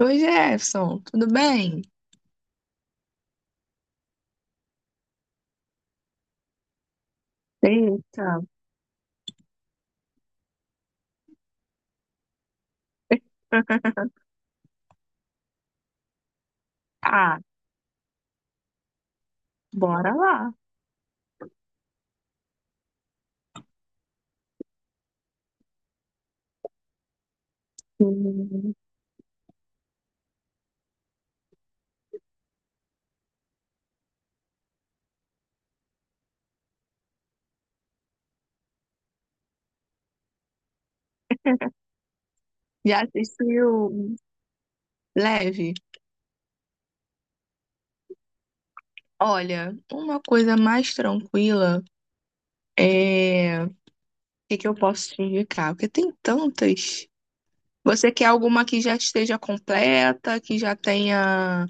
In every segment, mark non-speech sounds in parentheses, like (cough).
Oi, Jefferson, tudo bem? Eita. (laughs) Ah, bora lá. Hum, Já assistiu? Leve? Olha, uma coisa mais tranquila é. O que que eu posso te indicar? Porque tem tantas. Você quer alguma que já esteja completa, que já tenha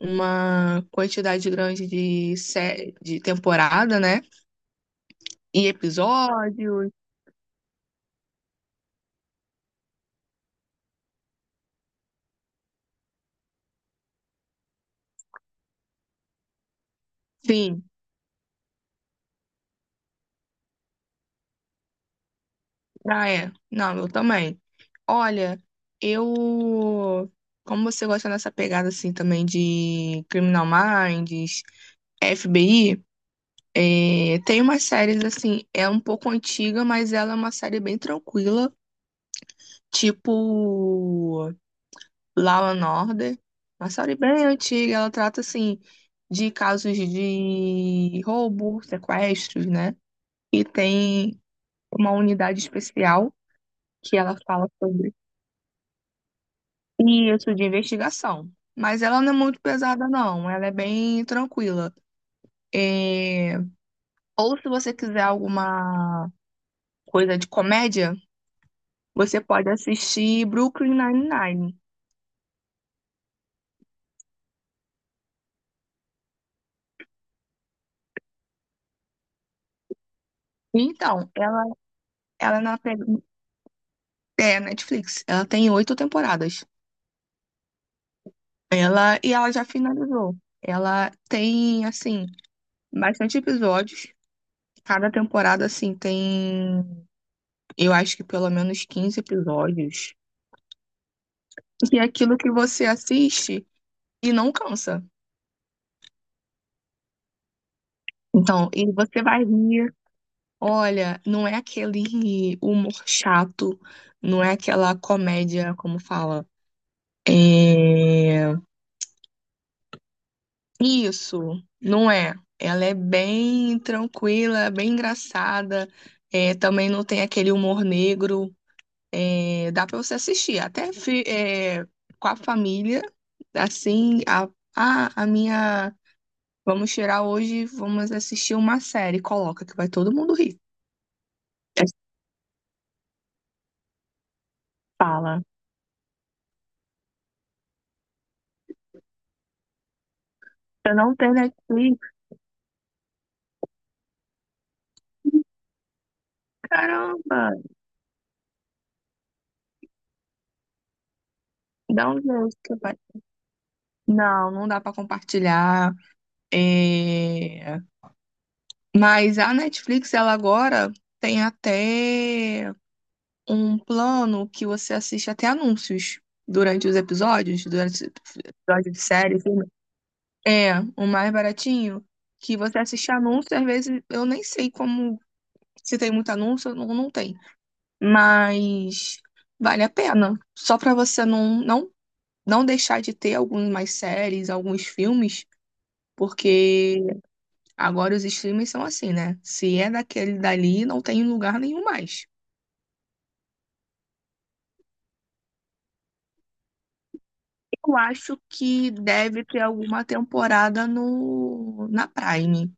uma quantidade grande de, de temporada, né? E episódios. Sim, ah, é. Não, eu também. Olha, eu. Como você gosta dessa pegada assim também de Criminal Minds, FBI, é, tem umas séries assim, é um pouco antiga, mas ela é uma série bem tranquila, tipo Law and Order, uma série bem antiga, ela trata assim de casos de roubo, sequestros, né? E tem uma unidade especial que ela fala sobre isso, de investigação. Mas ela não é muito pesada, não. Ela é bem tranquila. É, ou se você quiser alguma coisa de comédia, você pode assistir Brooklyn Nine-Nine. Então, ela, ela é na pe- é, Netflix. Ela tem oito temporadas. Ela já finalizou. Ela tem, assim, bastante episódios. Cada temporada, assim, tem, eu acho que pelo menos 15 episódios. E é aquilo que você assiste. E não cansa. Então, e você vai rir. Olha, não é aquele humor chato, não é aquela comédia, como fala. É... isso, não é. Ela é bem tranquila, bem engraçada. É, também não tem aquele humor negro. É, dá pra você assistir, até com a família. Assim, a, ah, a minha. Vamos tirar hoje, vamos assistir uma série. Coloca que vai todo mundo rir. Fala. Se eu não tenho Netflix, caramba, dá um jeito que vai. Não, não dá pra compartilhar. É, mas a Netflix, ela agora tem até um plano que você assiste até anúncios durante os episódios de série, filme. É, o mais baratinho, que você assiste anúncio, às vezes eu nem sei como se tem muito anúncio ou não tem. Mas vale a pena. Só pra você não deixar de ter algumas séries, alguns filmes, porque agora os streamers são assim, né? Se é daquele dali, não tem em lugar nenhum mais. Eu acho que deve ter alguma temporada no na Prime.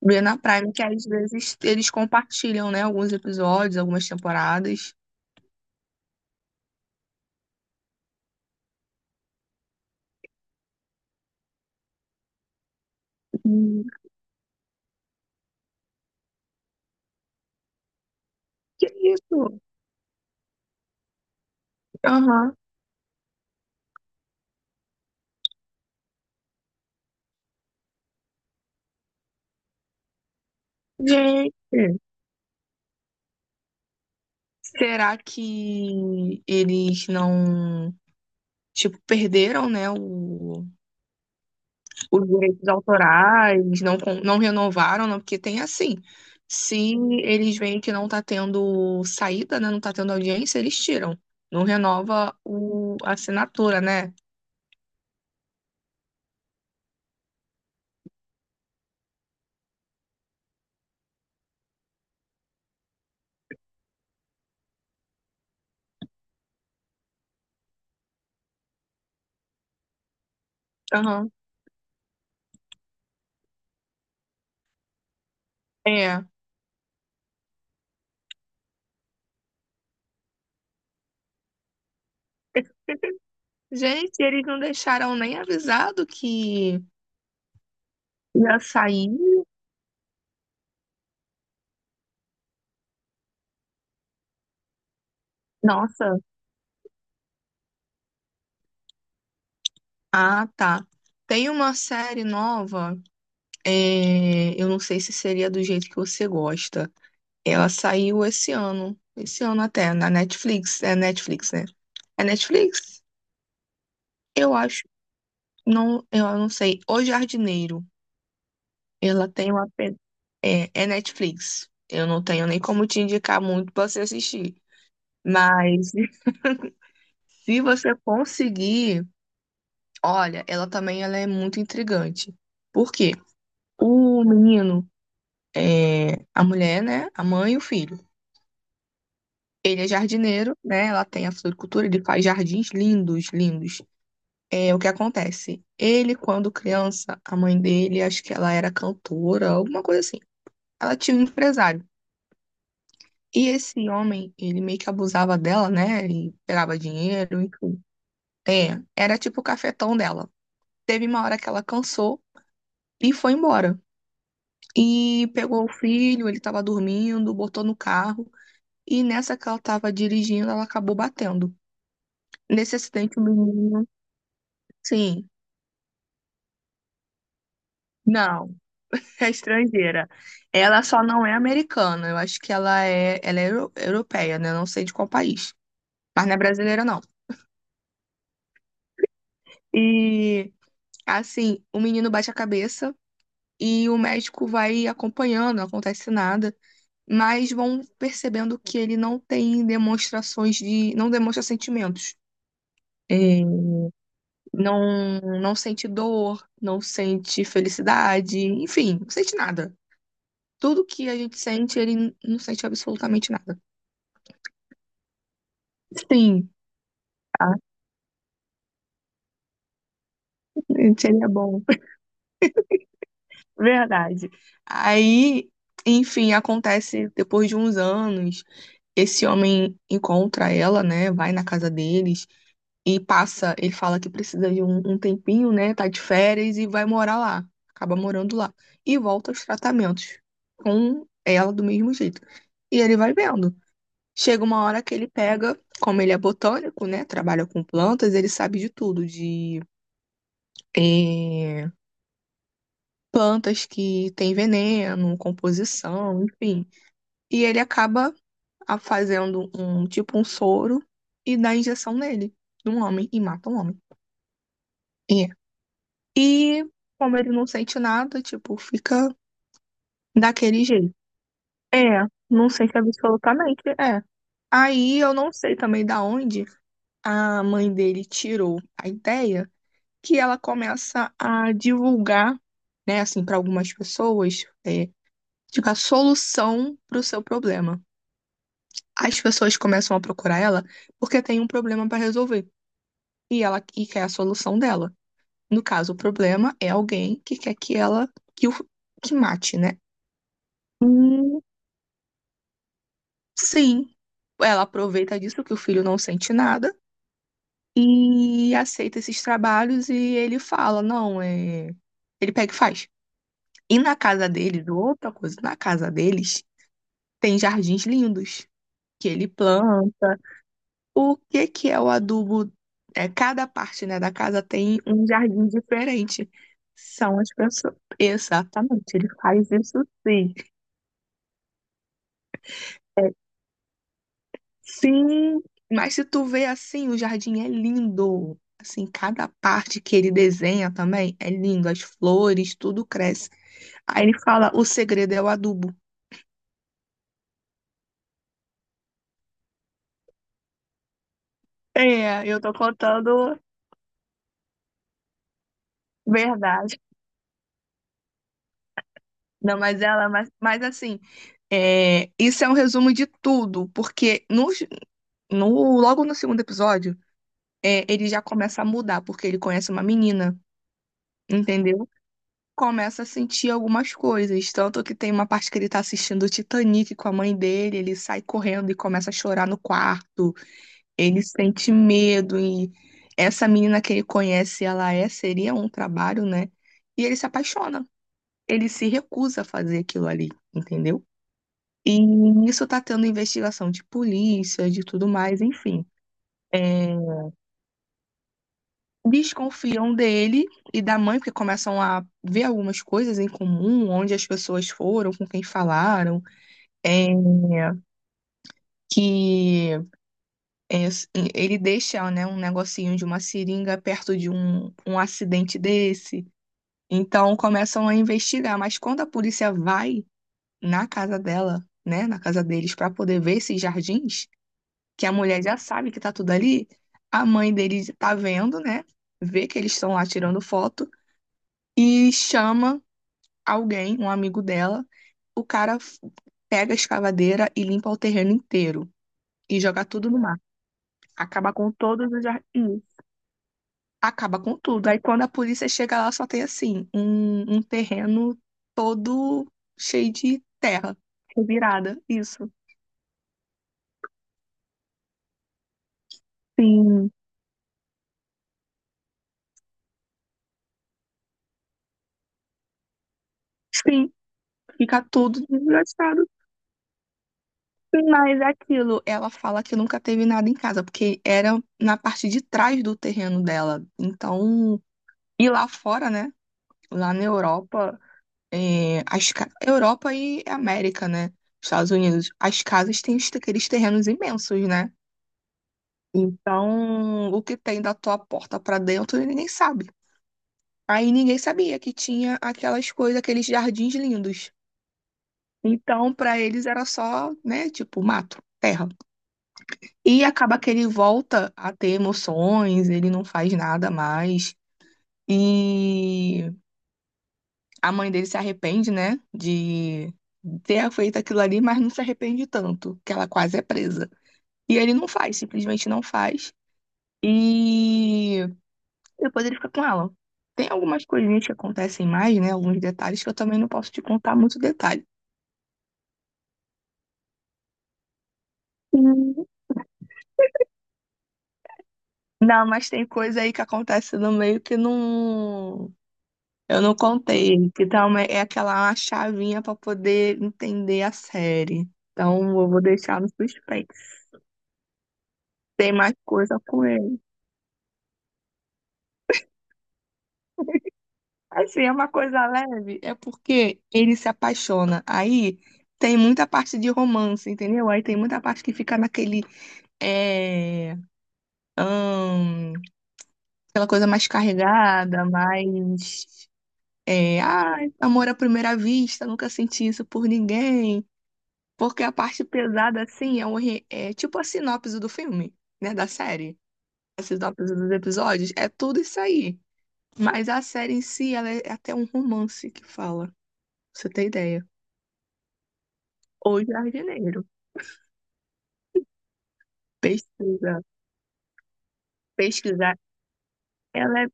Vê na Prime, que às vezes eles compartilham, né? Alguns episódios, algumas temporadas. Hum, Que isso? Aham. Gente, será que eles não, tipo, perderam, né, o, os direitos autorais, não, não renovaram, não, porque tem assim. Se eles veem que não está tendo saída, né, não está tendo audiência, eles tiram. Não renova o, a assinatura, né? Aham. É. Gente, eles não deixaram nem avisado que ia sair. Nossa. Ah, tá. Tem uma série nova, é, eu não sei se seria do jeito que você gosta. Ela saiu esse ano até, na Netflix, é Netflix, né? É Netflix? Eu acho. Não, eu não sei. O Jardineiro. Ela tem uma. Pe- É, é Netflix. Eu não tenho nem como te indicar muito pra você assistir. Mas (laughs) se você conseguir, olha, ela também ela é muito intrigante. Por quê? O menino, é, a mulher, né? A mãe e o filho. Ele é jardineiro, né? Ela tem a floricultura, ele faz jardins lindos, lindos. É, o que acontece? Ele, quando criança, a mãe dele, acho que ela era cantora, alguma coisa assim. Ela tinha um empresário. E esse homem, ele meio que abusava dela, né? E pegava dinheiro, enfim. É, era tipo o cafetão dela. Teve uma hora que ela cansou e foi embora. E pegou o filho, ele tava dormindo, botou no carro. E nessa que ela tava dirigindo, ela acabou batendo. Nesse acidente, o menino, sim. Não. É estrangeira. Ela só não é americana. Eu acho que ela é europeia, né? Eu não sei de qual país. Mas não é brasileira, não. E, assim, o menino bate a cabeça e o médico vai acompanhando, não acontece nada. Mas vão percebendo que ele não tem demonstrações de. Não demonstra sentimentos. É, não, não sente dor, não sente felicidade, enfim, não sente nada. Tudo que a gente sente, ele não sente absolutamente nada. Sim. (laughs) Seria bom. Verdade. Aí, enfim, acontece depois de uns anos, esse homem encontra ela, né? Vai na casa deles e passa. Ele fala que precisa de um, um tempinho, né? Tá de férias e vai morar lá. Acaba morando lá. E volta aos tratamentos com ela do mesmo jeito. E ele vai vendo. Chega uma hora que ele pega, como ele é botânico, né? Trabalha com plantas, ele sabe de tudo, de. eh, plantas que têm veneno, composição, enfim. E ele acaba fazendo um tipo um soro e dá injeção nele, num homem, e mata um homem. É. E como ele não sente nada, tipo, fica daquele jeito. É, não sente absolutamente, é. Aí eu não sei também da onde a mãe dele tirou a ideia que ela começa a divulgar, né, assim, para algumas pessoas, é, tipo, a solução para o seu problema. As pessoas começam a procurar ela porque tem um problema para resolver e ela e quer a solução dela. No caso, o problema é alguém que quer que ela que o que mate, né? Hum, sim, ela aproveita disso que o filho não sente nada e aceita esses trabalhos e ele fala, não, é... ele pega e faz. E na casa deles, outra coisa, na casa deles tem jardins lindos que ele planta. O que que é o adubo? É, cada parte, né, da casa tem um jardim diferente. São as pessoas. Exatamente, ele faz isso, sim. É, sim, mas se tu vê assim, o jardim é lindo. Assim, cada parte que ele desenha também é lindo. As flores, tudo cresce. Aí ele fala, o segredo é o adubo. É, eu tô contando verdade. Não, mas ela, mas assim, é, isso é um resumo de tudo, porque nos, no, logo no segundo episódio, é, ele já começa a mudar, porque ele conhece uma menina, entendeu? Começa a sentir algumas coisas. Tanto que tem uma parte que ele tá assistindo o Titanic com a mãe dele, ele sai correndo e começa a chorar no quarto. Ele sente medo e essa menina que ele conhece, ela é, seria um trabalho, né? E ele se apaixona. Ele se recusa a fazer aquilo ali, entendeu? E nisso tá tendo investigação de polícia, de tudo mais, enfim. É, desconfiam dele e da mãe, porque começam a ver algumas coisas em comum, onde as pessoas foram, com quem falaram, é, que é, ele deixa, né, um negocinho de uma seringa perto de um, um acidente desse. Então começam a investigar, mas quando a polícia vai na casa dela, né, na casa deles, para poder ver esses jardins, que a mulher já sabe que tá tudo ali, a mãe dele tá vendo, né, vê que eles estão lá tirando foto e chama alguém, um amigo dela. O cara f- Pega a escavadeira e limpa o terreno inteiro e joga tudo no mar. Acaba com todos os jardins. Acaba com tudo. Aí quando a polícia chega lá, só tem assim, um terreno todo cheio de terra, revirada. Isso. Sim. Sim. Fica tudo desgastado. Sim, mas é aquilo, ela fala que nunca teve nada em casa, porque era na parte de trás do terreno dela. Então, e lá fora, né? Lá na Europa, é, as, Europa e América, né? Estados Unidos, as casas têm aqueles terrenos imensos, né? Então, o que tem da tua porta pra dentro, ninguém sabe. Aí ninguém sabia que tinha aquelas coisas, aqueles jardins lindos. Então, pra eles era só, né, tipo, mato, terra. E acaba que ele volta a ter emoções, ele não faz nada mais. E a mãe dele se arrepende, né, de ter feito aquilo ali, mas não se arrepende tanto, que ela quase é presa. E ele não faz, simplesmente não faz. E depois ele fica com ela. Tem algumas coisinhas que acontecem mais, né, alguns detalhes que eu também não posso te contar muito detalhe. Uhum. Não, mas tem coisa aí que acontece no meio que não eu não contei, que também é aquela chavinha pra poder entender a série. Então, eu vou deixar no suspense. Tem mais coisa com ele. Assim, é uma coisa leve, é porque ele se apaixona. Aí tem muita parte de romance, entendeu? Aí tem muita parte que fica naquele. É, hum, aquela coisa mais carregada, mais. É, ah, amor à primeira vista, nunca senti isso por ninguém. Porque a parte pesada, assim, é, um, é tipo a sinopse do filme, né? Da série. A sinopse dos episódios, é tudo isso aí. Mas a série em si, ela é até um romance que fala. Pra você tem ideia? Ou jardineiro. Pesquisa, pesquisar. Ela é,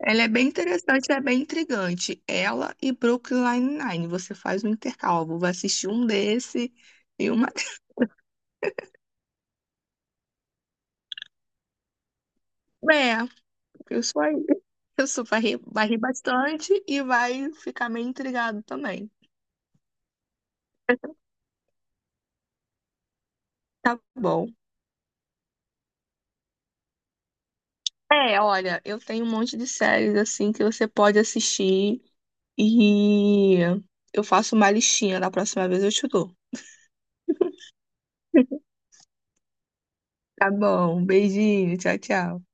ela é bem interessante, é bem intrigante. Ela e Brooklyn Nine-Nine. Você faz um intercalvo, vai assistir um desse e uma. (laughs) É, eu sou aí. Eu sou, vai rir bastante e vai ficar meio intrigado também. (laughs) Tá bom. É, olha, eu tenho um monte de séries assim que você pode assistir e eu faço uma listinha. Da próxima vez eu te dou. (laughs) Tá bom, beijinho, tchau, tchau.